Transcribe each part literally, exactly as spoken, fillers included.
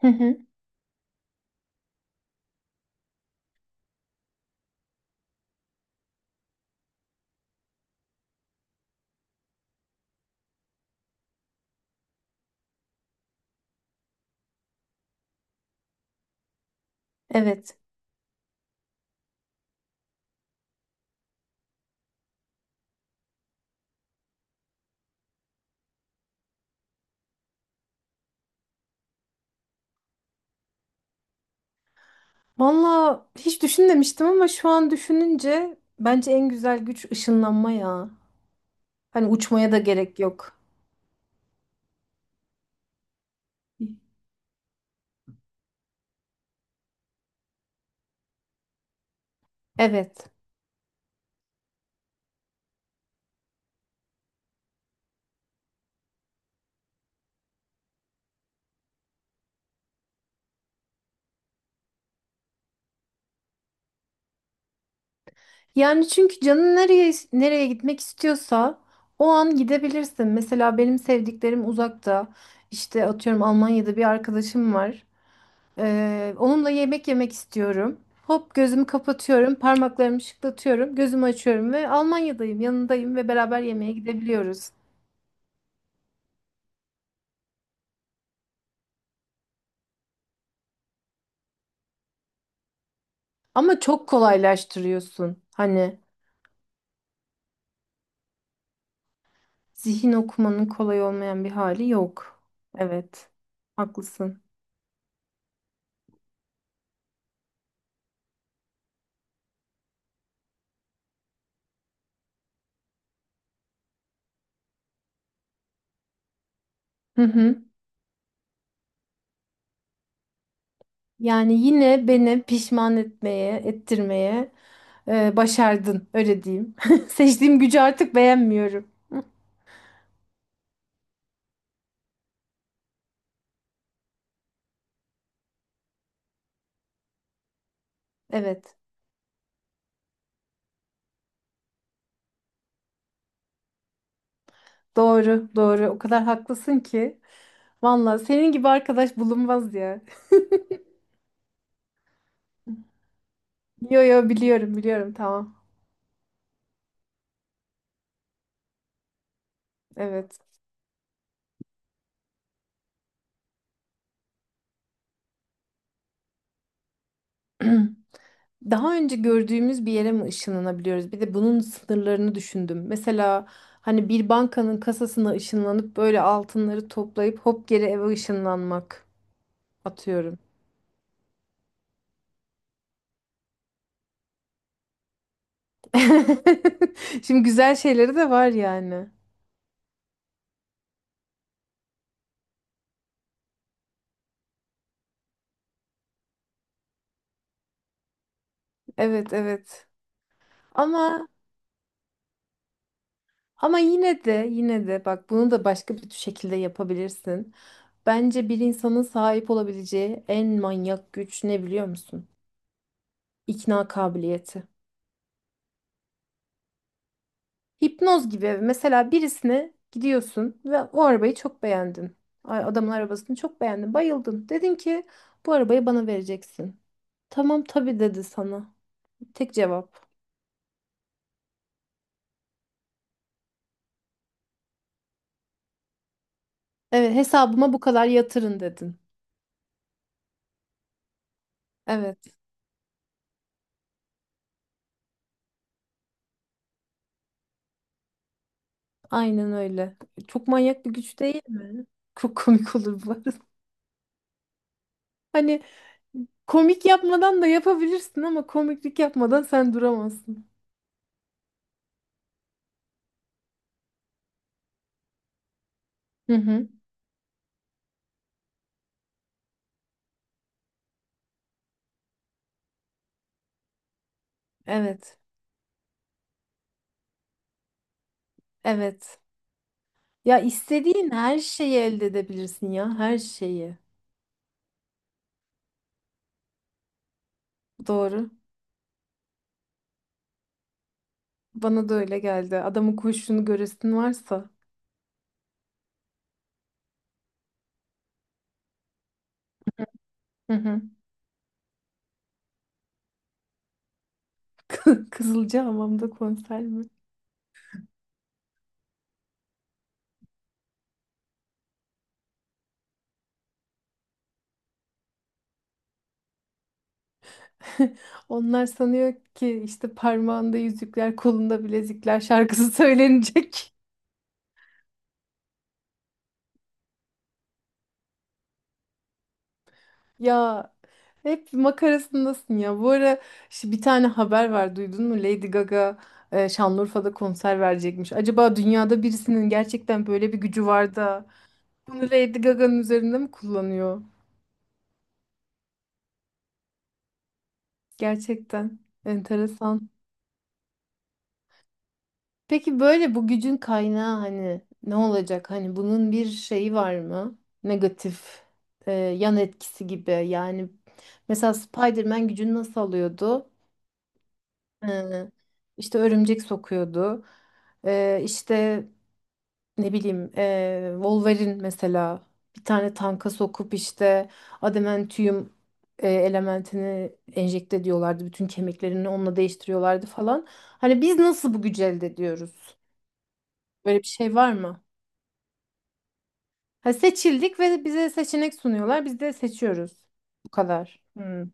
Hı hı. Evet. Valla hiç düşünmemiştim ama şu an düşününce bence en güzel güç ışınlanma ya. Hani uçmaya da gerek yok. Evet. Yani çünkü canın nereye nereye gitmek istiyorsa o an gidebilirsin. Mesela benim sevdiklerim uzakta. İşte atıyorum Almanya'da bir arkadaşım var. Ee, onunla yemek yemek istiyorum. Hop gözümü kapatıyorum, parmaklarımı şıklatıyorum, gözümü açıyorum ve Almanya'dayım, yanındayım ve beraber yemeğe gidebiliyoruz. Ama çok kolaylaştırıyorsun. Hani zihin okumanın kolay olmayan bir hali yok. Evet. Haklısın. Hı hı. Yani yine beni pişman etmeye, ettirmeye e, başardın. Öyle diyeyim. Seçtiğim gücü artık beğenmiyorum. Evet. Doğru, doğru. O kadar haklısın ki. Vallahi senin gibi arkadaş bulunmaz ya. Yo yo biliyorum, biliyorum. Tamam. Evet. Daha önce gördüğümüz bir yere mi ışınlanabiliyoruz? Bir de bunun sınırlarını düşündüm. Mesela hani bir bankanın kasasına ışınlanıp böyle altınları toplayıp hop geri eve ışınlanmak atıyorum. Şimdi güzel şeyleri de var yani. Evet evet. Ama ama yine de yine de bak bunu da başka bir şekilde yapabilirsin. Bence bir insanın sahip olabileceği en manyak güç ne biliyor musun? İkna kabiliyeti. Hipnoz gibi mesela birisine gidiyorsun ve o arabayı çok beğendin. Ay, adamın arabasını çok beğendin, bayıldın. Dedin ki bu arabayı bana vereceksin. Tamam tabii dedi sana. Tek cevap. Evet, hesabıma bu kadar yatırın dedin. Evet, aynen öyle. Çok manyak bir güç değil. Çok komik olur bu arada. Hani komik yapmadan da yapabilirsin ama komiklik yapmadan sen duramazsın. Hı hı. Evet. Evet. Ya istediğin her şeyi elde edebilirsin ya, her şeyi. Doğru. Bana da öyle geldi. Adamın koşuşunu göresin varsa. Hı hı. Kızılcahamam'da konser mi? Onlar sanıyor ki işte parmağında yüzükler, kolunda bilezikler şarkısı söylenecek. Ya hep makarasındasın ya. Bu ara işte bir tane haber var, duydun mu? Lady Gaga e, Şanlıurfa'da konser verecekmiş. Acaba dünyada birisinin gerçekten böyle bir gücü var da bunu Lady Gaga'nın üzerinde mi kullanıyor? Gerçekten enteresan. Peki böyle bu gücün kaynağı hani ne olacak? Hani bunun bir şeyi var mı? Negatif e, yan etkisi gibi. Yani mesela Spider-Man gücünü nasıl alıyordu? Ee, işte örümcek sokuyordu. Ee, işte ne bileyim e, Wolverine mesela bir tane tanka sokup işte adamantium e, elementini enjekte ediyorlardı. Bütün kemiklerini onunla değiştiriyorlardı falan. Hani biz nasıl bu gücü elde ediyoruz? Böyle bir şey var mı? Ha, seçildik ve bize seçenek sunuyorlar. Biz de seçiyoruz. Bu kadar. Hmm.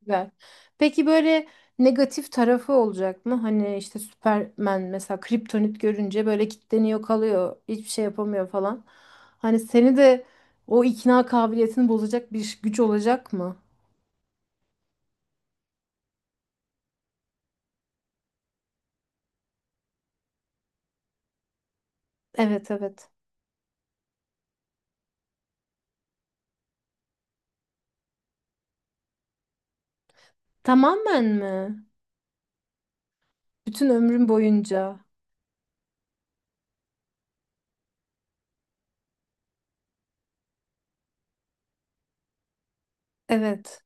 Güzel. Peki böyle negatif tarafı olacak mı? Hani işte Superman mesela kriptonit görünce böyle kilitleniyor kalıyor. Hiçbir şey yapamıyor falan. Hani seni de o ikna kabiliyetini bozacak bir güç olacak mı? Evet evet. Tamamen mi? Bütün ömrüm boyunca. Evet.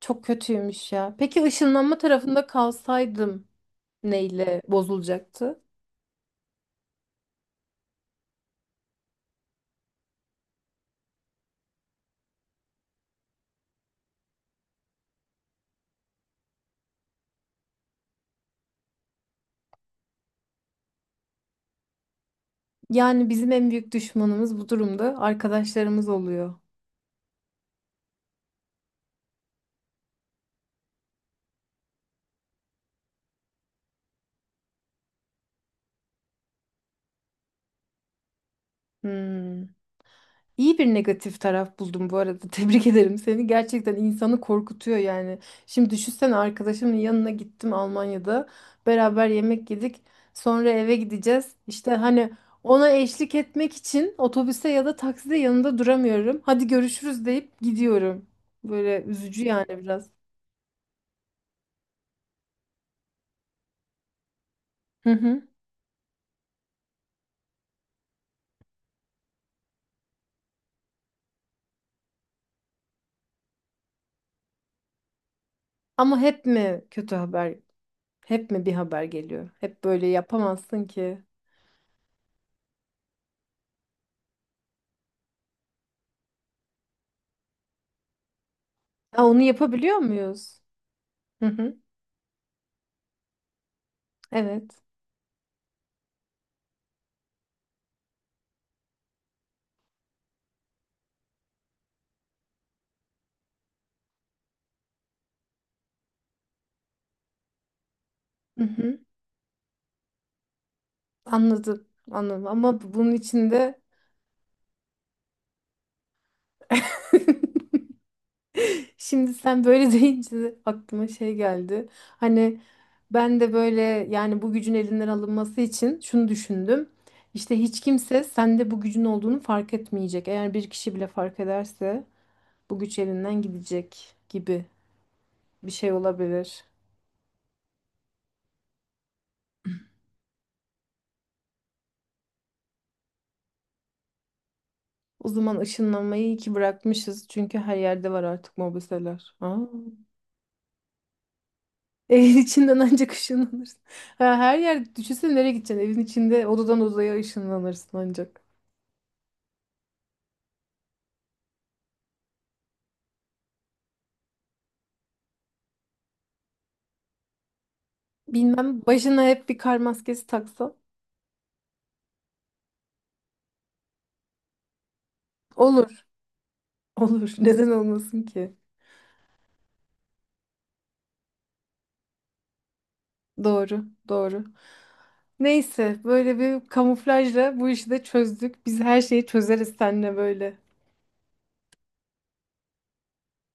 Çok kötüymüş ya. Peki ışınlanma tarafında kalsaydım neyle bozulacaktı? Yani bizim en büyük düşmanımız bu durumda arkadaşlarımız oluyor. Hmm. İyi bir negatif taraf buldum bu arada. Tebrik ederim seni. Gerçekten insanı korkutuyor yani. Şimdi düşünsene arkadaşımın yanına gittim Almanya'da. Beraber yemek yedik. Sonra eve gideceğiz. İşte hani ona eşlik etmek için otobüste ya da takside yanında duramıyorum. Hadi görüşürüz deyip gidiyorum. Böyle üzücü yani biraz. Hı hı. Ama hep mi kötü haber? Hep mi bir haber geliyor? Hep böyle yapamazsın ki. Ha, onu yapabiliyor muyuz? Hı hı. Evet. Hı hı. Anladım. Anladım. Ama bunun içinde şimdi sen böyle deyince aklıma şey geldi. Hani ben de böyle yani bu gücün elinden alınması için şunu düşündüm. İşte hiç kimse sende bu gücün olduğunu fark etmeyecek. Eğer bir kişi bile fark ederse bu güç elinden gidecek gibi bir şey olabilir. O zaman ışınlanmayı iyi ki bırakmışız. Çünkü her yerde var artık mobeseler. Aa. Evin içinden ancak ışınlanırsın. Ha, her yer düşünsene nereye gideceksin? Evin içinde odadan odaya ışınlanırsın ancak. Bilmem başına hep bir kar maskesi taksa. Olur. Olur. Neden olmasın ki? Doğru. Doğru. Neyse böyle bir kamuflajla bu işi de çözdük. Biz her şeyi çözeriz seninle böyle.